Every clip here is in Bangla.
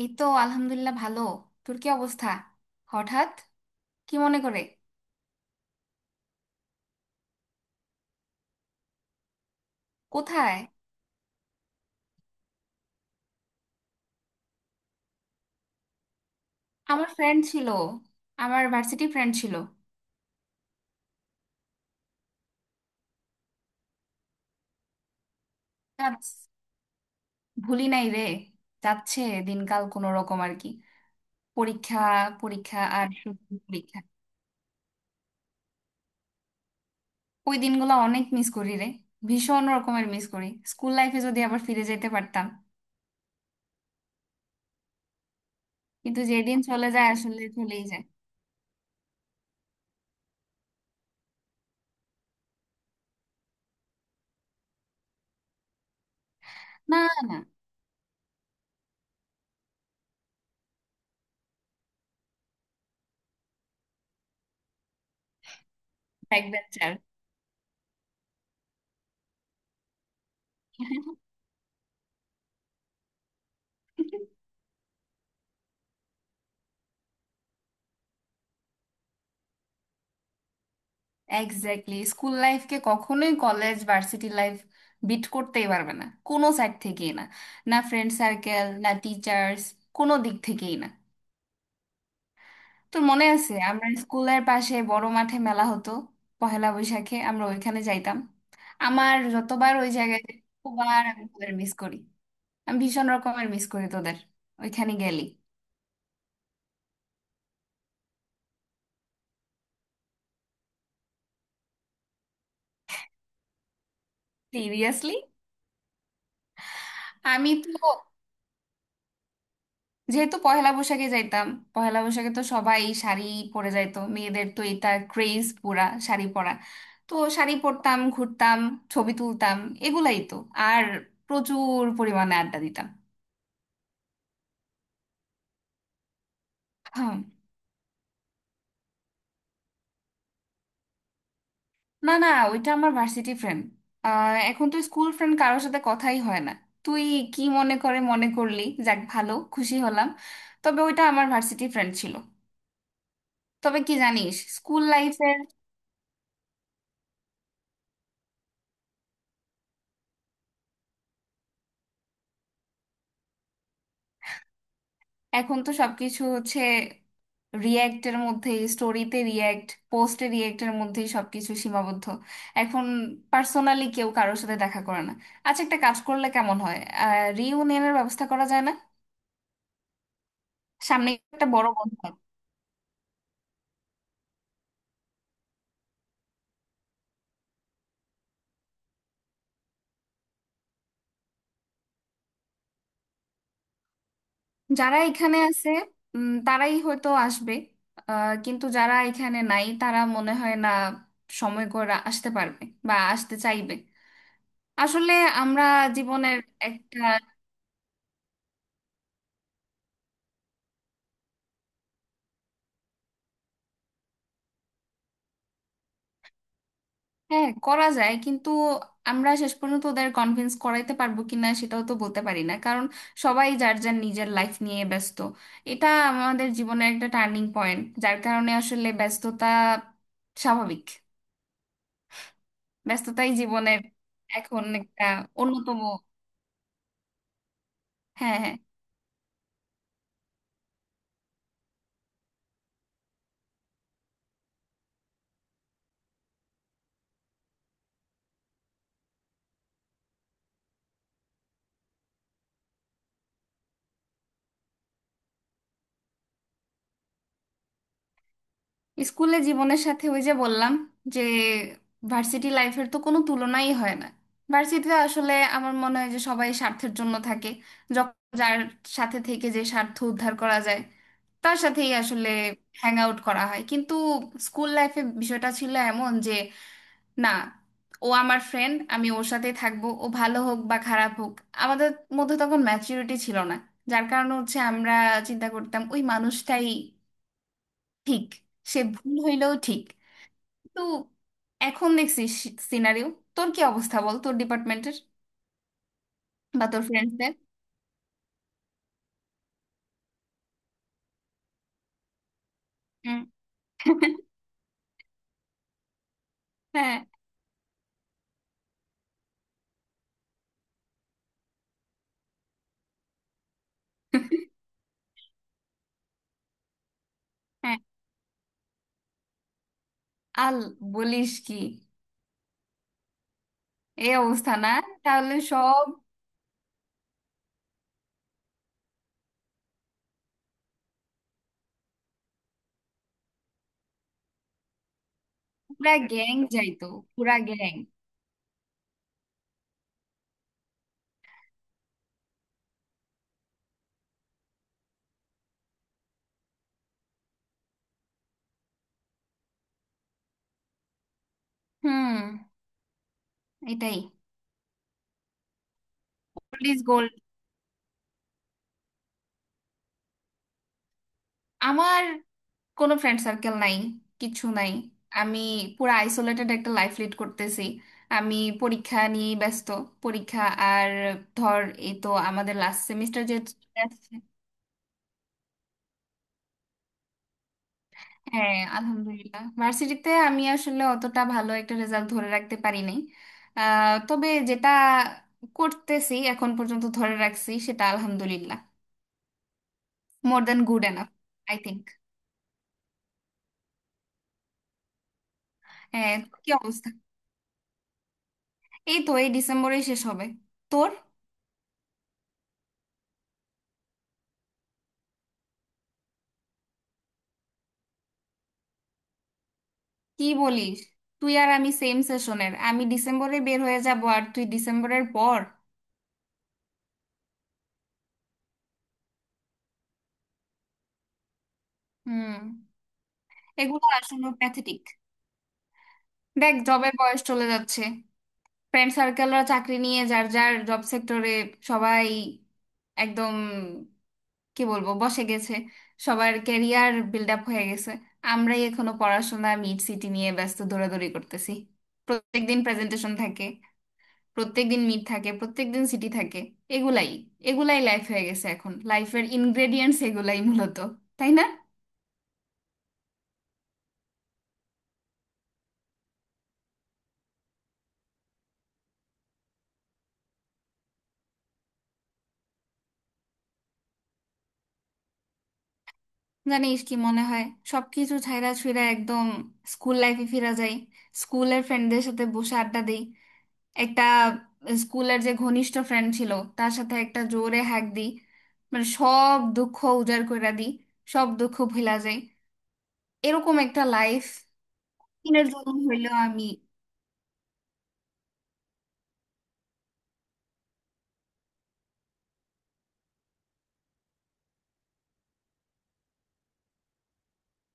এই তো আলহামদুলিল্লাহ ভালো। তোর কি অবস্থা? হঠাৎ কি মনে করে? কোথায়? আমার ফ্রেন্ড ছিল, আমার ভার্সিটি ফ্রেন্ড ছিল। যাস, ভুলি নাই রে। যাচ্ছে, দিনকাল কোনো রকম আর কি। পরীক্ষা, পরীক্ষা আর শুধু পরীক্ষা। ওই দিনগুলো অনেক মিস করি রে, ভীষণ রকমের মিস করি। স্কুল লাইফে যদি আবার ফিরে যেতে পারতাম। কিন্তু যেদিন চলে যায় আসলে চলেই যায়। না, না। Back bencher. এক্স্যাক্টলি, স্কুল লাইফকে কখনোই কলেজ ভার্সিটি লাইফ বিট করতেই পারবে না, কোনো সাইড থেকেই না। না ফ্রেন্ড সার্কেল, না টিচার্স, কোনো দিক থেকেই না। তোর মনে আছে আমরা স্কুলের পাশে বড় মাঠে মেলা হতো? পহেলা বৈশাখে আমরা ওইখানে যাইতাম। আমার যতবার ওই জায়গায় যাই, ততবার আমি তোদের মিস করি। আমি ভীষণ রকমের মিস করি তোদের। ওইখানে গেলি। সিরিয়াসলি, আমি তো যেহেতু পহেলা বৈশাখে যাইতাম, পহেলা বৈশাখে তো সবাই শাড়ি পরে যাইতো, মেয়েদের তো এটা ক্রেজ পুরা, শাড়ি পরা। তো শাড়ি পরতাম, ঘুরতাম, ছবি তুলতাম, এগুলাই তো। আর প্রচুর পরিমাণে আড্ডা দিতাম। হুম, না না, ওইটা আমার ভার্সিটি ফ্রেন্ড। এখন তো স্কুল ফ্রেন্ড কারোর সাথে কথাই হয় না। তুই কি মনে করে মনে করলি? যাক, ভালো, খুশি হলাম। তবে ওইটা আমার ভার্সিটি ফ্রেন্ড ছিল। তবে কি জানিস, স্কুল লাইফের। এখন তো সবকিছু হচ্ছে রিয়্যাক্টের মধ্যে, স্টোরিতে রিয়্যাক্ট, পোস্টে রিয়্যাক্টের মধ্যেই সবকিছু সীমাবদ্ধ এখন। পার্সোনালি কেউ কারোর সাথে দেখা করে না। আচ্ছা, একটা কাজ করলে কেমন হয়? রিইউনিয়নের ব্যবস্থা করা যায় না? সামনে একটা বড় বন্ধ। যারা এখানে আছে তারাই হয়তো আসবে। কিন্তু যারা এখানে নাই তারা মনে হয় না সময় করে আসতে পারবে বা আসতে চাইবে। আসলে আমরা জীবনের একটা। হ্যাঁ, করা যায়, কিন্তু আমরা শেষ পর্যন্ত ওদের কনভিন্স করাইতে পারবো কিনা সেটাও তো বলতে পারি না, কারণ সবাই যার যার নিজের লাইফ নিয়ে ব্যস্ত। এটা আমাদের জীবনের একটা টার্নিং পয়েন্ট, যার কারণে আসলে ব্যস্ততা স্বাভাবিক। ব্যস্ততাই জীবনের এখন একটা অন্যতম। হ্যাঁ, হ্যাঁ। স্কুলে জীবনের সাথে ওই যে বললাম যে ভার্সিটি লাইফের তো কোনো তুলনাই হয় না। ভার্সিটিতে আসলে আমার মনে হয় যে সবাই স্বার্থের জন্য থাকে। যখন যার সাথে থেকে যে স্বার্থ উদ্ধার করা যায়, তার সাথেই আসলে হ্যাং আউট করা হয়। কিন্তু স্কুল লাইফে বিষয়টা ছিল এমন যে, না, ও আমার ফ্রেন্ড, আমি ওর সাথে থাকবো, ও ভালো হোক বা খারাপ হোক। আমাদের মধ্যে তখন ম্যাচুরিটি ছিল না, যার কারণে হচ্ছে আমরা চিন্তা করতাম ওই মানুষটাই ঠিক, সে ভুল হইলেও ঠিক। তো এখন দেখছি সিনারিও। তোর কি অবস্থা বল, তোর ডিপার্টমেন্টের বা তোর ফ্রেন্ডসদের? হুম। হ্যাঁ, হ্যাঁ, আল, বলিস কি? এই অবস্থা না? তাহলে সব। পুরা গ্যাং যাইতো, পুরা গ্যাং। হুম, এটাই। Police gold. আমার কোনো ফ্রেন্ড সার্কেল নাই, কিছু নাই। আমি পুরা আইসোলেটেড একটা লাইফ লিড করতেছি। আমি পরীক্ষা নিয়ে ব্যস্ত, পরীক্ষা আর ধর, এই তো আমাদের লাস্ট সেমিস্টার যে। হ্যাঁ আলহামদুলিল্লাহ, ভার্সিটিতে আমি আসলে অতটা ভালো একটা রেজাল্ট ধরে রাখতে পারি নাই। তবে যেটা করতেছি এখন পর্যন্ত ধরে রাখছি সেটা আলহামদুলিল্লাহ more than good enough, I think. হ্যাঁ, তোর কি অবস্থা? এই তো এই ডিসেম্বরেই শেষ হবে। তোর? কি বলিস? তুই আর আমি সেম সেশনের, আমি ডিসেম্বরে বের হয়ে যাব আর তুই ডিসেম্বরের পর? হুম, এগুলো আসলে প্যাথেটিক। দেখ, জবের বয়স চলে যাচ্ছে। ফ্রেন্ড সার্কেলরা চাকরি নিয়ে যার যার জব সেক্টরে সবাই একদম, কি বলবো, বসে গেছে। সবার ক্যারিয়ার বিল্ড আপ হয়ে গেছে। আমরাই এখনো পড়াশোনা, মিড, সিটি নিয়ে ব্যস্ত, দৌড়াদৌড়ি করতেছি। প্রত্যেকদিন প্রেজেন্টেশন থাকে, প্রত্যেকদিন মিড থাকে, প্রত্যেকদিন সিটি থাকে। এগুলাই এগুলাই লাইফ হয়ে গেছে এখন, লাইফের ইনগ্রেডিয়েন্টস এগুলাই মূলত, তাই না? জানিস কি মনে হয়, সবকিছু ছাইড়া ছুঁইড়া একদম স্কুল লাইফে ফিরা যায়, স্কুলের ফ্রেন্ডদের সাথে বসে আড্ডা দেই একটা, স্কুলের যে ঘনিষ্ঠ ফ্রেন্ড ছিল তার সাথে একটা জোরে হাঁক দিই, মানে সব দুঃখ উজাড় করে দিই, সব দুঃখ ভুলা যায় এরকম একটা লাইফ, দিনের জন্য হইলেও আমি।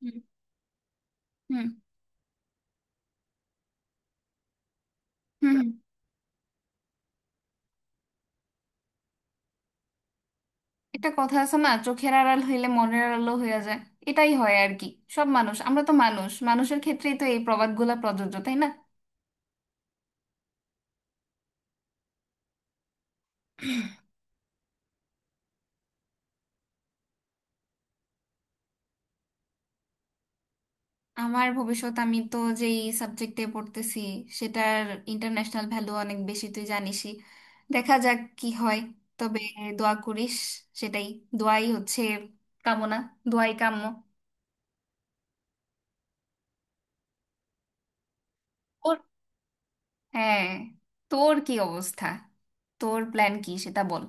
হুম, হুম, হুম। হুম। একটা কথা আছে না, চোখের আড়াল হইলে মনের আড়ালও হয়ে যায়। এটাই হয় আর কি। সব মানুষ, আমরা তো মানুষ, মানুষের ক্ষেত্রেই তো এই প্রবাদগুলা প্রযোজ্য, তাই না? আমার ভবিষ্যৎ, আমি তো যেই সাবজেক্টে পড়তেছি সেটার ইন্টারন্যাশনাল ভ্যালু অনেক বেশি, তুই জানিসই। দেখা যাক কি হয়। তবে দোয়া করিস, সেটাই, দোয়াই হচ্ছে কামনা, দোয়াই কাম্য। তোর, হ্যাঁ। তোর কি অবস্থা? তোর প্ল্যান কি সেটা বল।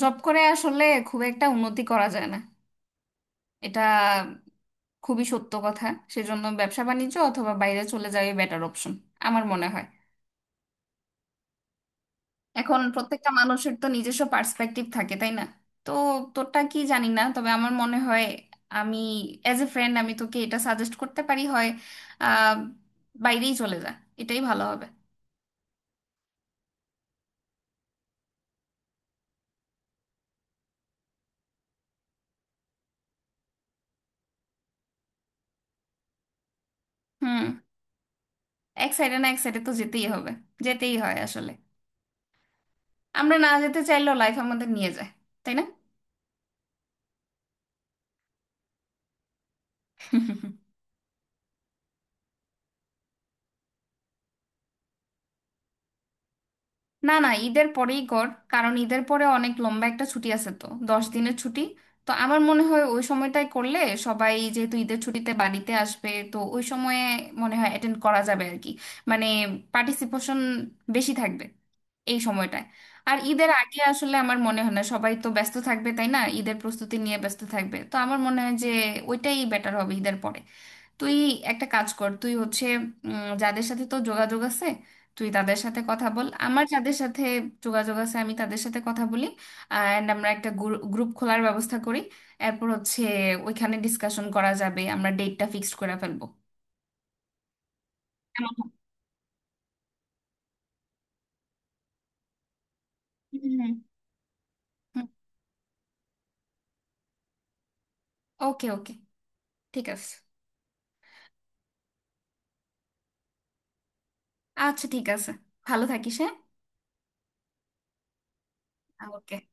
জব করে আসলে খুব একটা উন্নতি করা যায় না, এটা খুবই সত্য কথা। সেজন্য ব্যবসা বাণিজ্য অথবা বাইরে চলে যাওয়াই বেটার অপশন আমার মনে হয়। এখন প্রত্যেকটা মানুষের তো নিজস্ব পার্সপেক্টিভ থাকে, তাই না? তো তোরটা কি জানি না, তবে আমার মনে হয় আমি অ্যাজ এ ফ্রেন্ড আমি তোকে এটা সাজেস্ট করতে পারি হয়, আহ, বাইরেই চলে যা, এটাই ভালো হবে। হুম, এক সাইডে না এক সাইডে তো যেতেই হবে, যেতেই হয় আসলে। আমরা না যেতে চাইলেও লাইফ আমাদের নিয়ে যায়, তাই না? না, না, ঈদের পরেই কর। কারণ ঈদের পরে অনেক লম্বা একটা ছুটি আছে তো, 10 দিনের ছুটি। তো আমার মনে হয় ওই সময়টাই করলে, সবাই যেহেতু ঈদের ছুটিতে বাড়িতে আসবে তো ওই সময়ে মনে হয় অ্যাটেন্ড করা যাবে আর কি। মানে পার্টিসিপেশন বেশি থাকবে এই সময়টায়। আর ঈদের আগে আসলে আমার মনে হয় না, সবাই তো ব্যস্ত থাকবে, তাই না? ঈদের প্রস্তুতি নিয়ে ব্যস্ত থাকবে, তো আমার মনে হয় যে ওইটাই বেটার হবে, ঈদের পরে। তুই একটা কাজ কর, তুই হচ্ছে যাদের সাথে তোর যোগাযোগ আছে তুই তাদের সাথে কথা বল, আমার যাদের সাথে যোগাযোগ আছে আমি তাদের সাথে কথা বলি। অ্যান্ড আমরা একটা গ্রুপ খোলার ব্যবস্থা করি। এরপর হচ্ছে ওইখানে ডিসকাশন করা যাবে, আমরা ডেটটা ফিক্সড করে ফেলবো। কেমন হয়? হুম, হুম, ওকে ওকে, ঠিক আছে। আচ্ছা ঠিক আছে, ভালো থাকিস, হ্যাঁ। Ah, ok.